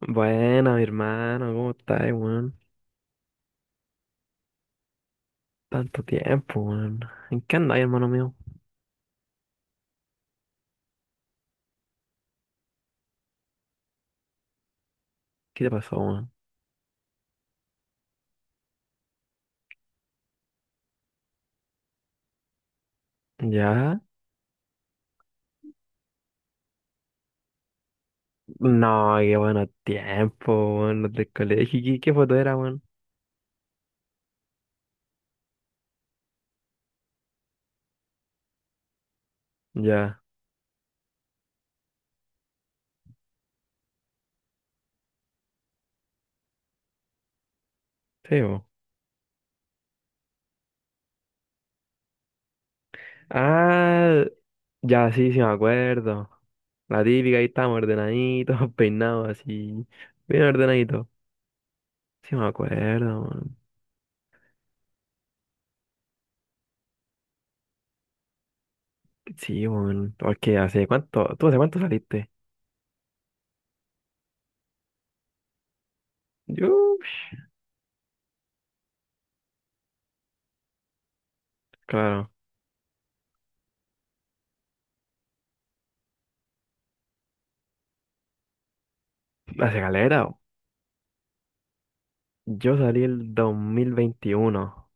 Buena, mi hermano, ¿cómo estás, weón? Tanto tiempo, weón. ¿En qué andas, hermano mío? ¿Qué te pasó, weón? ¿Ya? No, qué bueno tiempo, weón, los del colegio. ¿Qué foto era, weón? Ya, sí, weón. Ah, ya, sí, sí, me acuerdo. La típica, ahí estamos ordenaditos, peinados así, bien ordenaditos. Sí, me acuerdo, weón. Sí, weón. Porque, ¿hace cuánto? ¿Tú hace cuánto saliste? Yo, claro, hace galera. Yo salí el 2021,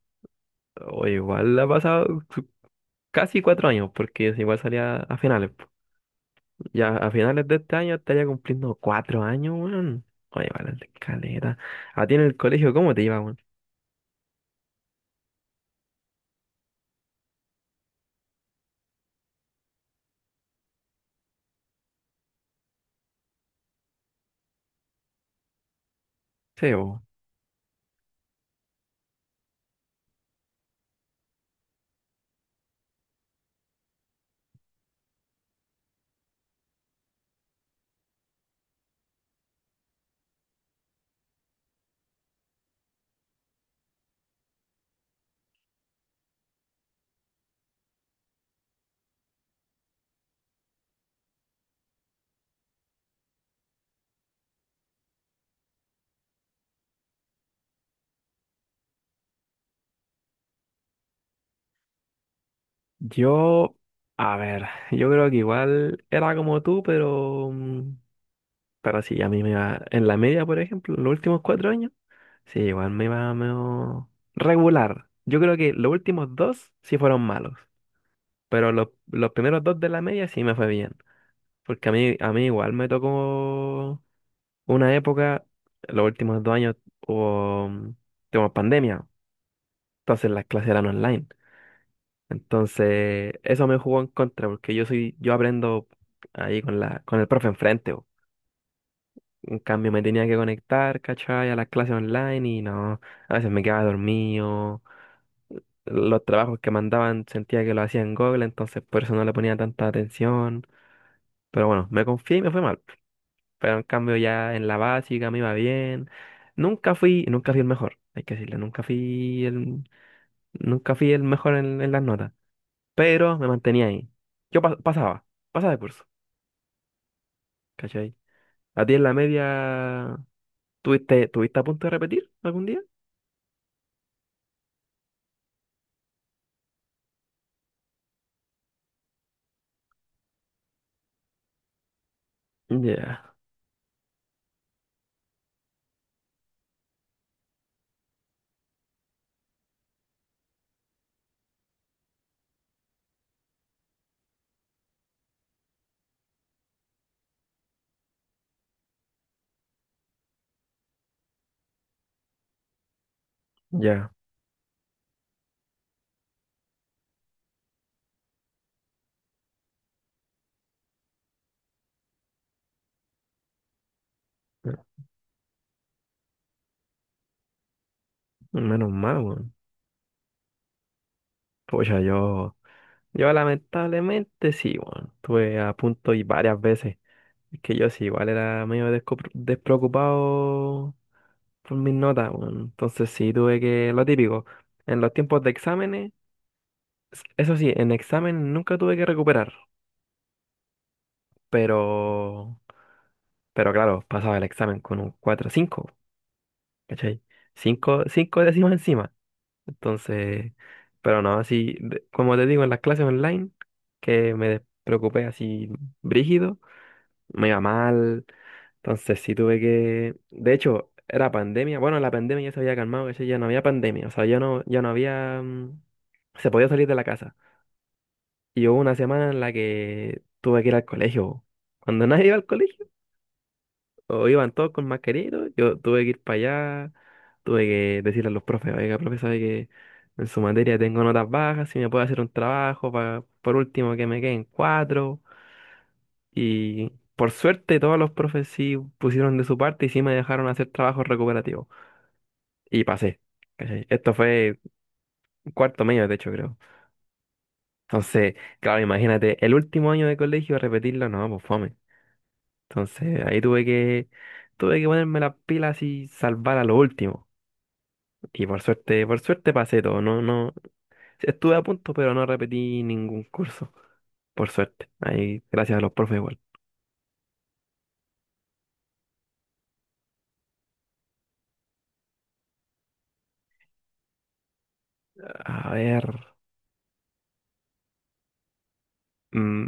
o igual ha pasado casi 4 años, porque es igual salía a finales, po. Ya a finales de este año estaría cumpliendo 4 años, weón. Oye, vale, la escalera. ¿A ti en el colegio cómo te iba, weón? Sí, bo. Yo, a ver, yo creo que igual era como tú, pero sí, a mí me iba, en la media, por ejemplo, los últimos 4 años, sí, igual me iba medio regular. Yo creo que los últimos dos sí fueron malos. Pero los primeros dos de la media sí me fue bien. Porque a mí igual me tocó una época, los últimos 2 años hubo, mm, tuvimos pandemia. Entonces las clases eran online. Entonces eso me jugó en contra porque yo aprendo ahí con con el profe enfrente, po. En cambio me tenía que conectar, ¿cachai? A las clases online y no, a veces me quedaba dormido. Los trabajos que mandaban sentía que lo hacía en Google, entonces por eso no le ponía tanta atención. Pero bueno, me confié y me fue mal. Pero en cambio ya en la básica me iba bien. Nunca fui el mejor, hay que decirlo, nunca fui el mejor en las notas, pero me mantenía ahí. Yo pasaba de curso, ¿cachai? ¿A ti en la media tuviste a punto de repetir algún día? Ya, ya. Menos mal, weón. Pues yo lamentablemente sí, weón. Estuve a punto y varias veces. Es que yo sí, igual era medio despreocupado por mis notas, weón. Entonces sí, tuve que, lo típico, en los tiempos de exámenes, eso sí, en examen nunca tuve que recuperar, pero, pero claro, pasaba el examen con un 4 5, ¿cachai? Cinco 5 décimas encima. Entonces, pero no, así, como te digo, en las clases online, que me despreocupé así brígido, me iba mal. Entonces sí tuve que... De hecho, era pandemia. Bueno, la pandemia ya se había calmado, ¿cachai? Ya no había pandemia. O sea, ya no había. Se podía salir de la casa. Y hubo una semana en la que tuve que ir al colegio. Cuando nadie iba al colegio, o iban todos con mascarilla, y todo, yo tuve que ir para allá, tuve que decirle a los profes, oiga, profe, sabe que en su materia tengo notas bajas, si me puede hacer un trabajo, por último que me queden cuatro. Y por suerte todos los profes sí pusieron de su parte y sí me dejaron hacer trabajos recuperativos. Y pasé. ¿Cachai? Esto fue cuarto medio, de hecho, creo. Entonces, claro, imagínate, el último año de colegio repetirlo, no, pues fome. Entonces, ahí tuve que ponerme las pilas y salvar a lo último. Y por suerte pasé todo. No, no, estuve a punto, pero no repetí ningún curso. Por suerte. Ahí, gracias a los profes igual. A ver. mm,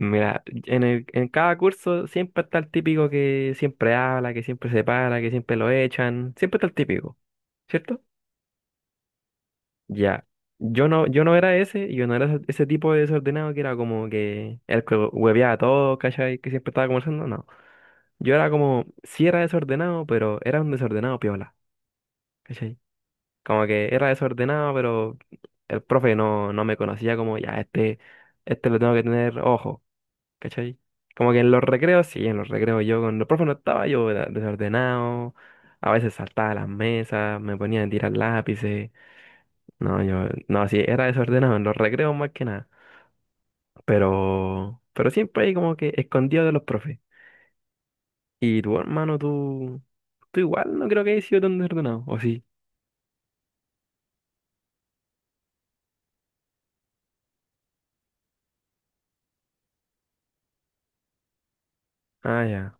Mira, en en cada curso siempre está el típico que siempre habla, que siempre se para, que siempre lo echan, siempre está el típico, ¿cierto? Ya. Yo no era ese, yo no era ese tipo de desordenado que era como que el que hueveaba todo, ¿cachai? Que siempre estaba conversando, no. Yo era como, sí era desordenado, pero era un desordenado piola, ¿cachai? Como que era desordenado, pero el profe no me conocía como, ya, este lo tengo que tener ojo. ¿Cachai? Como que en los recreos, sí, en los recreos yo con los profes no estaba, yo era desordenado, a veces saltaba las mesas, me ponía a tirar lápices, no, yo, no, sí, era desordenado en los recreos más que nada, pero siempre ahí como que escondido de los profes. Y tu hermano, tú igual no creo que hayas sido tan desordenado, ¿o sí? Ah, ya.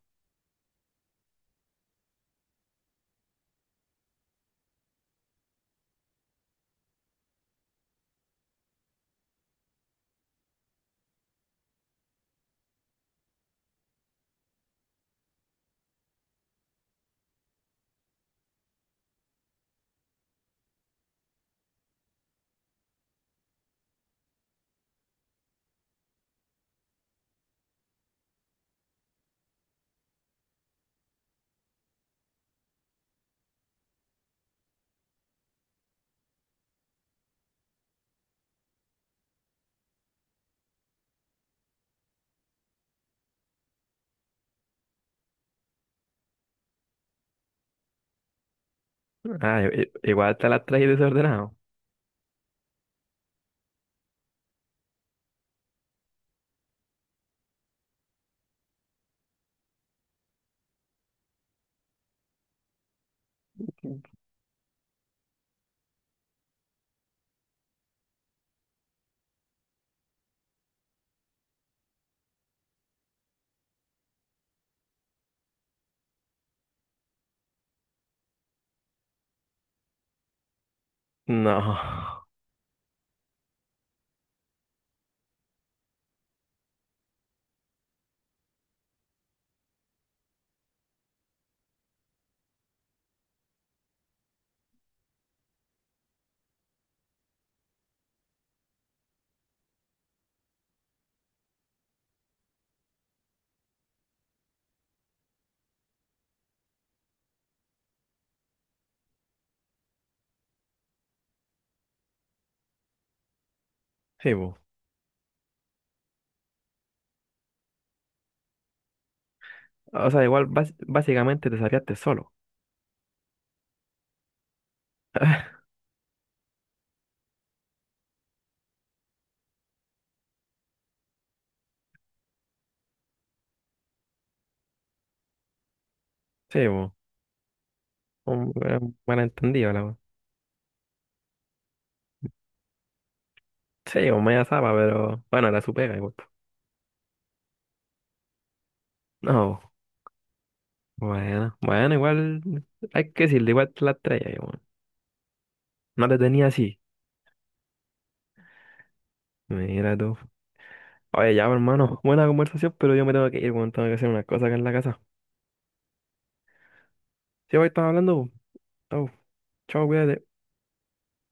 Ah, igual te las traes desordenado. No, sí, po. O sea, igual básicamente te sapeaste solo. Sí, po. Un, un malentendido, la wea. Sí, o media zapa, pero bueno, era su pega igual, po. No, bueno, bueno, igual hay que decirle, igual te la estrella, igual. No te tenía así. Mira tú. Oye, ya, pues, hermano, buena conversación, pero yo me tengo que ir, weón, tengo que hacer unas cosas acá en la casa. Sí, hoy estamos hablando, po. Chau, chau, cuídate.